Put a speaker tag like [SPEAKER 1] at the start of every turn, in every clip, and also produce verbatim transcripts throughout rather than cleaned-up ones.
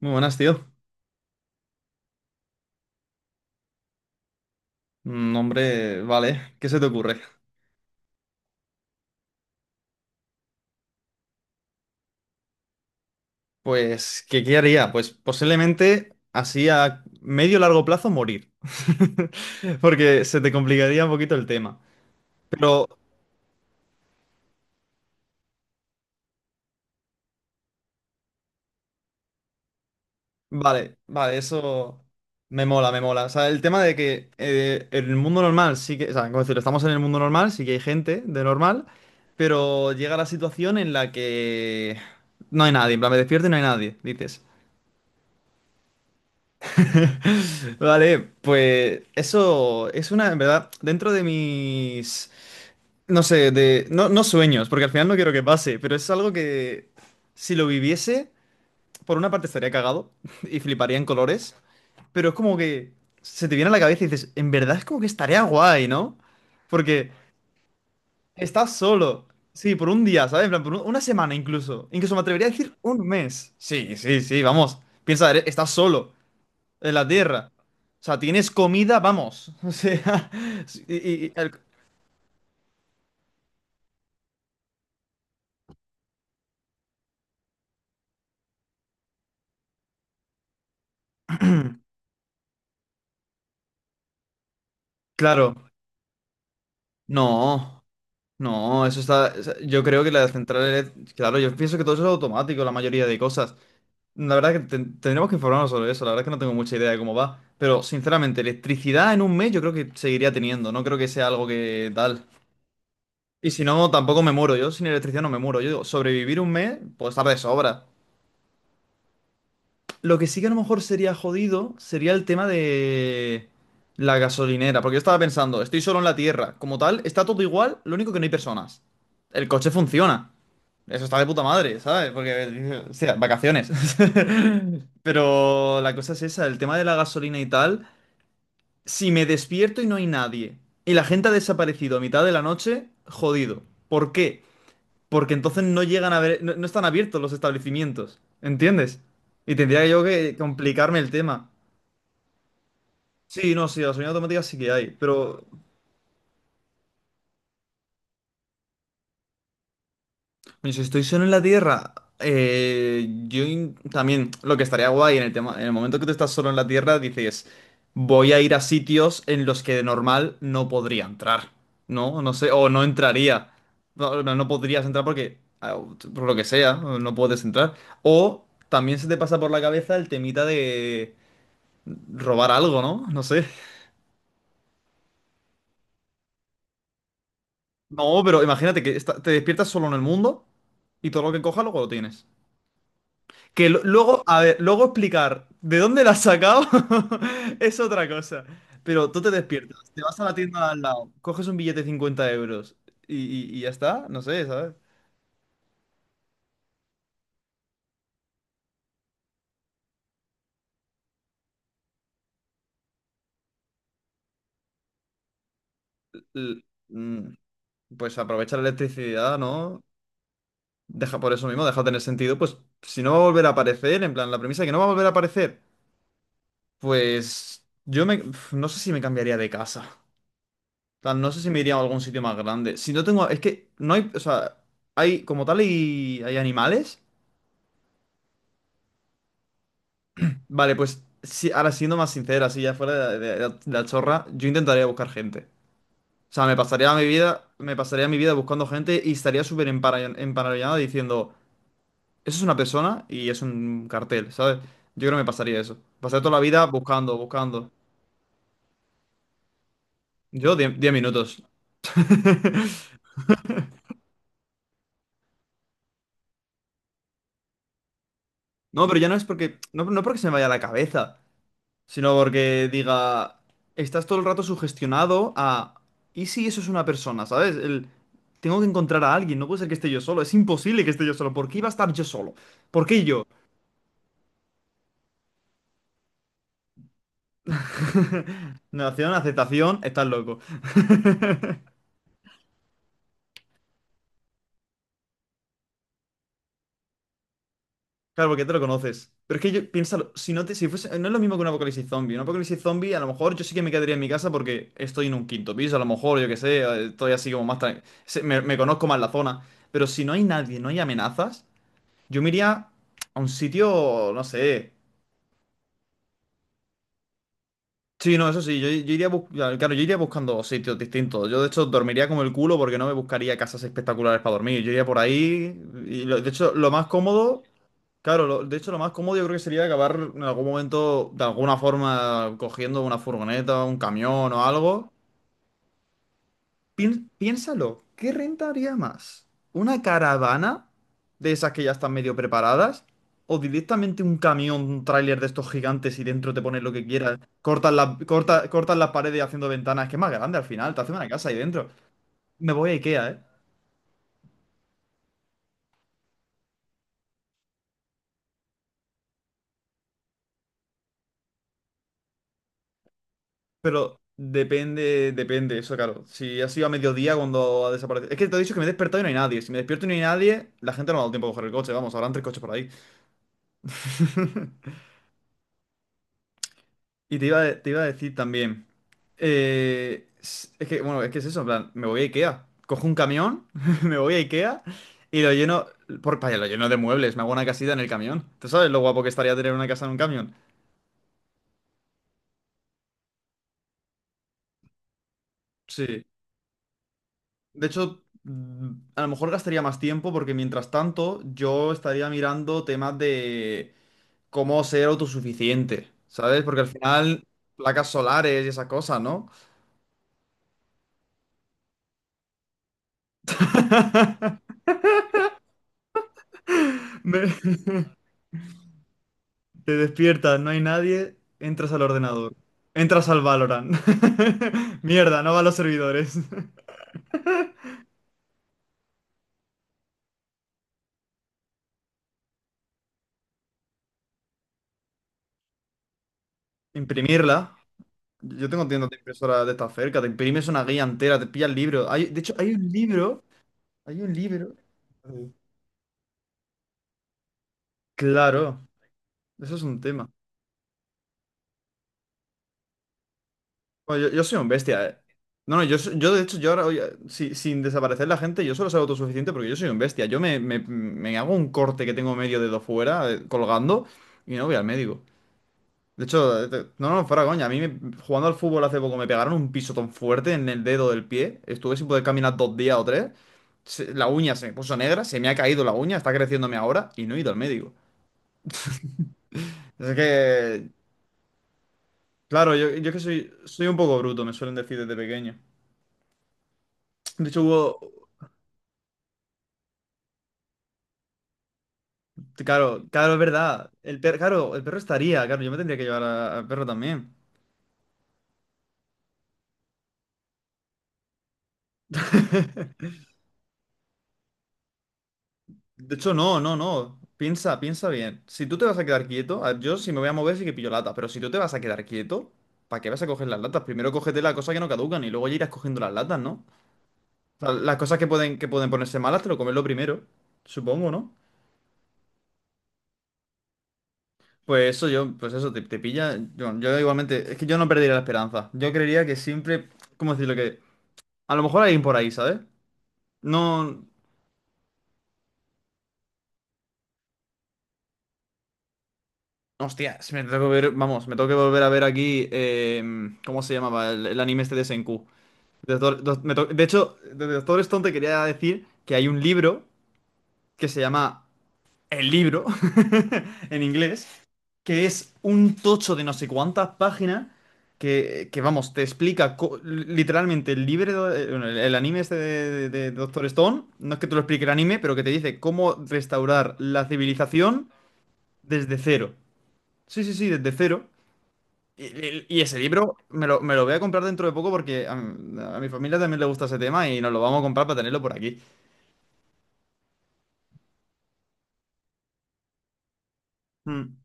[SPEAKER 1] Muy buenas, tío. Mm, Hombre, vale, ¿qué se te ocurre? Pues, ¿qué, qué haría? Pues posiblemente así a medio largo plazo morir. Porque se te complicaría un poquito el tema. Pero vale, vale, eso me mola, me mola. O sea, el tema de que eh, el mundo normal sí que, o sea, como decirlo, estamos en el mundo normal, sí que hay gente de normal, pero llega la situación en la que no hay nadie. En plan, me despierto y no hay nadie, dices. Vale, pues eso es una, en verdad, dentro de mis, no sé, de, no, no sueños, porque al final no quiero que pase, pero es algo que si lo viviese, por una parte estaría cagado y fliparía en colores, pero es como que se te viene a la cabeza y dices, en verdad es como que estaría guay, ¿no? Porque estás solo, sí, por un día, ¿sabes? En plan, por un- una semana incluso, incluso me atrevería a decir un mes. Sí, sí, sí, vamos, piensa, eres- estás solo en la Tierra. O sea, tienes comida, vamos. O sea, sí, y- y- y el- claro, no, no, eso está. O sea, yo creo que las centrales, claro, yo pienso que todo eso es automático, la mayoría de cosas. La verdad que ten- tendremos que informarnos sobre eso, la verdad es que no tengo mucha idea de cómo va. Pero sinceramente, electricidad en un mes yo creo que seguiría teniendo, no creo que sea algo que tal. Y si no, tampoco me muero, yo sin electricidad no me muero. Yo digo, sobrevivir un mes, puedo estar de sobra. Lo que sí que a lo mejor sería jodido sería el tema de la gasolinera, porque yo estaba pensando, estoy solo en la Tierra, como tal, está todo igual, lo único que no hay personas. El coche funciona. Eso está de puta madre, ¿sabes? Porque, o sea, vacaciones. Pero la cosa es esa, el tema de la gasolina y tal, si me despierto y no hay nadie, y la gente ha desaparecido a mitad de la noche, jodido. ¿Por qué? Porque entonces no llegan a ver, no, no están abiertos los establecimientos, ¿entiendes? Y tendría yo que complicarme el tema. Sí, no, sí, la gasolina automática sí que hay, pero coño, si estoy solo en la Tierra, eh, yo in- también lo que estaría guay en el tema, en el momento que tú estás solo en la Tierra, dices, voy a ir a sitios en los que de normal no podría entrar, ¿no? No sé, o no entraría. No, no, no podrías entrar porque, ah, por lo que sea, no puedes entrar. O también se te pasa por la cabeza el temita de robar algo, ¿no? No sé. No, pero imagínate que esta- te despiertas solo en el mundo y todo lo que cojas luego lo tienes. Que lo- luego, a ver, luego explicar de dónde la has sacado es otra cosa. Pero tú te despiertas, te vas a la tienda de al lado, coges un billete de cincuenta euros y, y- y ya está, no sé, ¿sabes? L- mm, Pues aprovecha la electricidad, ¿no? Deja por eso mismo, deja de tener sentido. Pues si no va a volver a aparecer, en plan, la premisa de que no va a volver a aparecer, pues yo me, no sé si me cambiaría de casa. Tal, no sé si me iría a algún sitio más grande. Si no tengo. Es que no hay. O sea, hay como tal y hay animales. Vale, pues si, ahora siendo más sincera, así ya fuera de, de- de la chorra, yo intentaría buscar gente. O sea, me pasaría mi vida, me pasaría mi vida buscando gente y estaría súper empara- emparanoiado diciendo, eso es una persona y es un cartel, ¿sabes? Yo creo que me pasaría eso. Pasaría toda la vida buscando, buscando. Yo diez minutos. No, pero ya no es porque. No, no porque se me vaya la cabeza. Sino porque diga, estás todo el rato sugestionado a, ¿y si eso es una persona? ¿Sabes? El, tengo que encontrar a alguien, no puede ser que esté yo solo, es imposible que esté yo solo, ¿por qué iba a estar yo solo? ¿Por qué yo? Negación, aceptación, estás loco. Claro, porque te lo conoces. Pero es que yo, piénsalo, si no te, si fuese, no es lo mismo que un apocalipsis zombie. Un apocalipsis zombie, a lo mejor yo sí que me quedaría en mi casa porque estoy en un quinto piso, a lo mejor, yo qué sé, eh, estoy así como más tranquilo. Me, me conozco más la zona. Pero si no hay nadie, no hay amenazas. Yo me iría a un sitio, no sé. Sí, no, eso sí, yo, yo, iría bus- claro, yo iría buscando sitios distintos. Yo de hecho dormiría como el culo porque no me buscaría casas espectaculares para dormir. Yo iría por ahí y lo- de hecho lo más cómodo, claro, lo- de hecho lo más cómodo yo creo que sería acabar en algún momento de alguna forma cogiendo una furgoneta, un camión o algo. Pién- piénsalo, ¿qué rentaría más? ¿Una caravana de esas que ya están medio preparadas? ¿O directamente un camión, un tráiler de estos gigantes y dentro te pones lo que quieras? Cortas la corta, cortas las paredes haciendo ventanas, que es más grande al final, te hace una casa ahí dentro. Me voy a IKEA, ¿eh? Pero depende, depende, eso claro. Si ha sido a mediodía cuando ha desaparecido. Es que te he dicho que me he despertado y no hay nadie. Si me despierto y no hay nadie, la gente no me ha dado tiempo a coger el coche, vamos, habrán tres coches por ahí. Y te iba, a- te iba a decir también, eh, es es que, bueno, es que es eso, en plan, me voy a IKEA, cojo un camión, me voy a IKEA y lo lleno, por, vaya, lo lleno de muebles, me hago una casita en el camión. ¿Tú sabes lo guapo que estaría tener una casa en un camión? Sí. De hecho, mm, a lo mejor gastaría más tiempo porque mientras tanto yo estaría mirando temas de cómo ser autosuficiente, ¿sabes? Porque al final, placas solares y esas cosas, ¿no? Me- Te despiertas, no hay nadie, entras al ordenador. Entras al Valorant. Mierda, no va a los servidores. Imprimirla. Yo tengo tiendas de impresora de esta cerca. Te imprimes una guía entera, te pillas el libro. Hay, de hecho, hay un libro. Hay un libro. Claro, eso es un tema. Bueno, yo, yo, soy un bestia, eh. No, no, yo, so- yo de hecho, yo ahora, hoy, eh, si- sin desaparecer la gente, yo solo soy autosuficiente porque yo soy un bestia. Yo me, me- me hago un corte que tengo medio dedo fuera, eh, colgando, y no voy al médico. De hecho, eh, te- no, no, fuera coña. A mí me- jugando al fútbol hace poco me pegaron un piso tan fuerte en el dedo del pie. Estuve sin poder caminar dos días o tres. Se- la uña se me puso negra, se me ha caído la uña, está creciéndome ahora y no he ido al médico. Es que, claro, yo, yo, es que soy, soy un poco bruto, me suelen decir desde pequeño. De hecho, hubo, claro, claro, es verdad. El perro, claro, el perro estaría, claro, yo me tendría que llevar a- al perro también. De hecho, no, no, no. Piensa, piensa bien. Si tú te vas a quedar quieto, a ver, yo si me voy a mover sí que pillo latas, pero si tú te vas a quedar quieto, ¿para qué vas a coger las latas? Primero cógete las cosas que no caducan y luego ya irás cogiendo las latas, ¿no? O sea, las cosas que pueden, que pueden ponerse malas te lo comes lo primero, supongo, ¿no? Pues eso yo, pues eso, te, te pilla. Yo, yo igualmente, es que yo no perdería la esperanza. Yo creería que siempre, ¿cómo decirlo? Que a lo mejor hay alguien por ahí, ¿sabes? No. Hostia, si me tengo que ver, vamos, me tengo que volver a ver aquí, em, ¿cómo se llamaba? El, el anime este de Senku. De, Doctor- Doc- me to- De hecho, de Doctor Stone te quería decir que hay un libro que se llama El libro en inglés, que es un tocho de no sé cuántas páginas que, que, vamos, te explica co- literalmente el libro, eh, bueno, el, el anime este de, de de Doctor Stone, no es que te lo explique el anime, pero que te dice cómo restaurar la civilización desde cero. Sí, sí, sí, desde cero. Y, y- y ese libro me lo, me lo voy a comprar dentro de poco porque a, mi a mi familia también le gusta ese tema y nos lo vamos a comprar para tenerlo por aquí. Mm,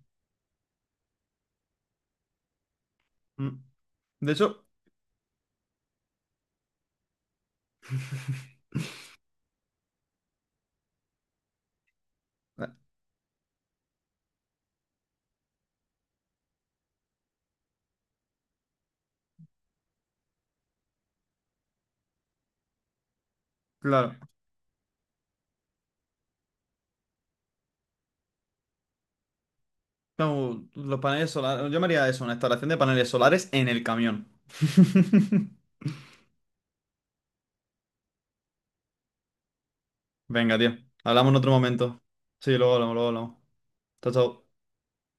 [SPEAKER 1] mm. De hecho, eh, claro, como los paneles solares, yo me haría eso, una instalación de paneles solares en el camión. Venga, tío, hablamos en otro momento. Sí, luego hablamos, luego hablamos. Chao, chao.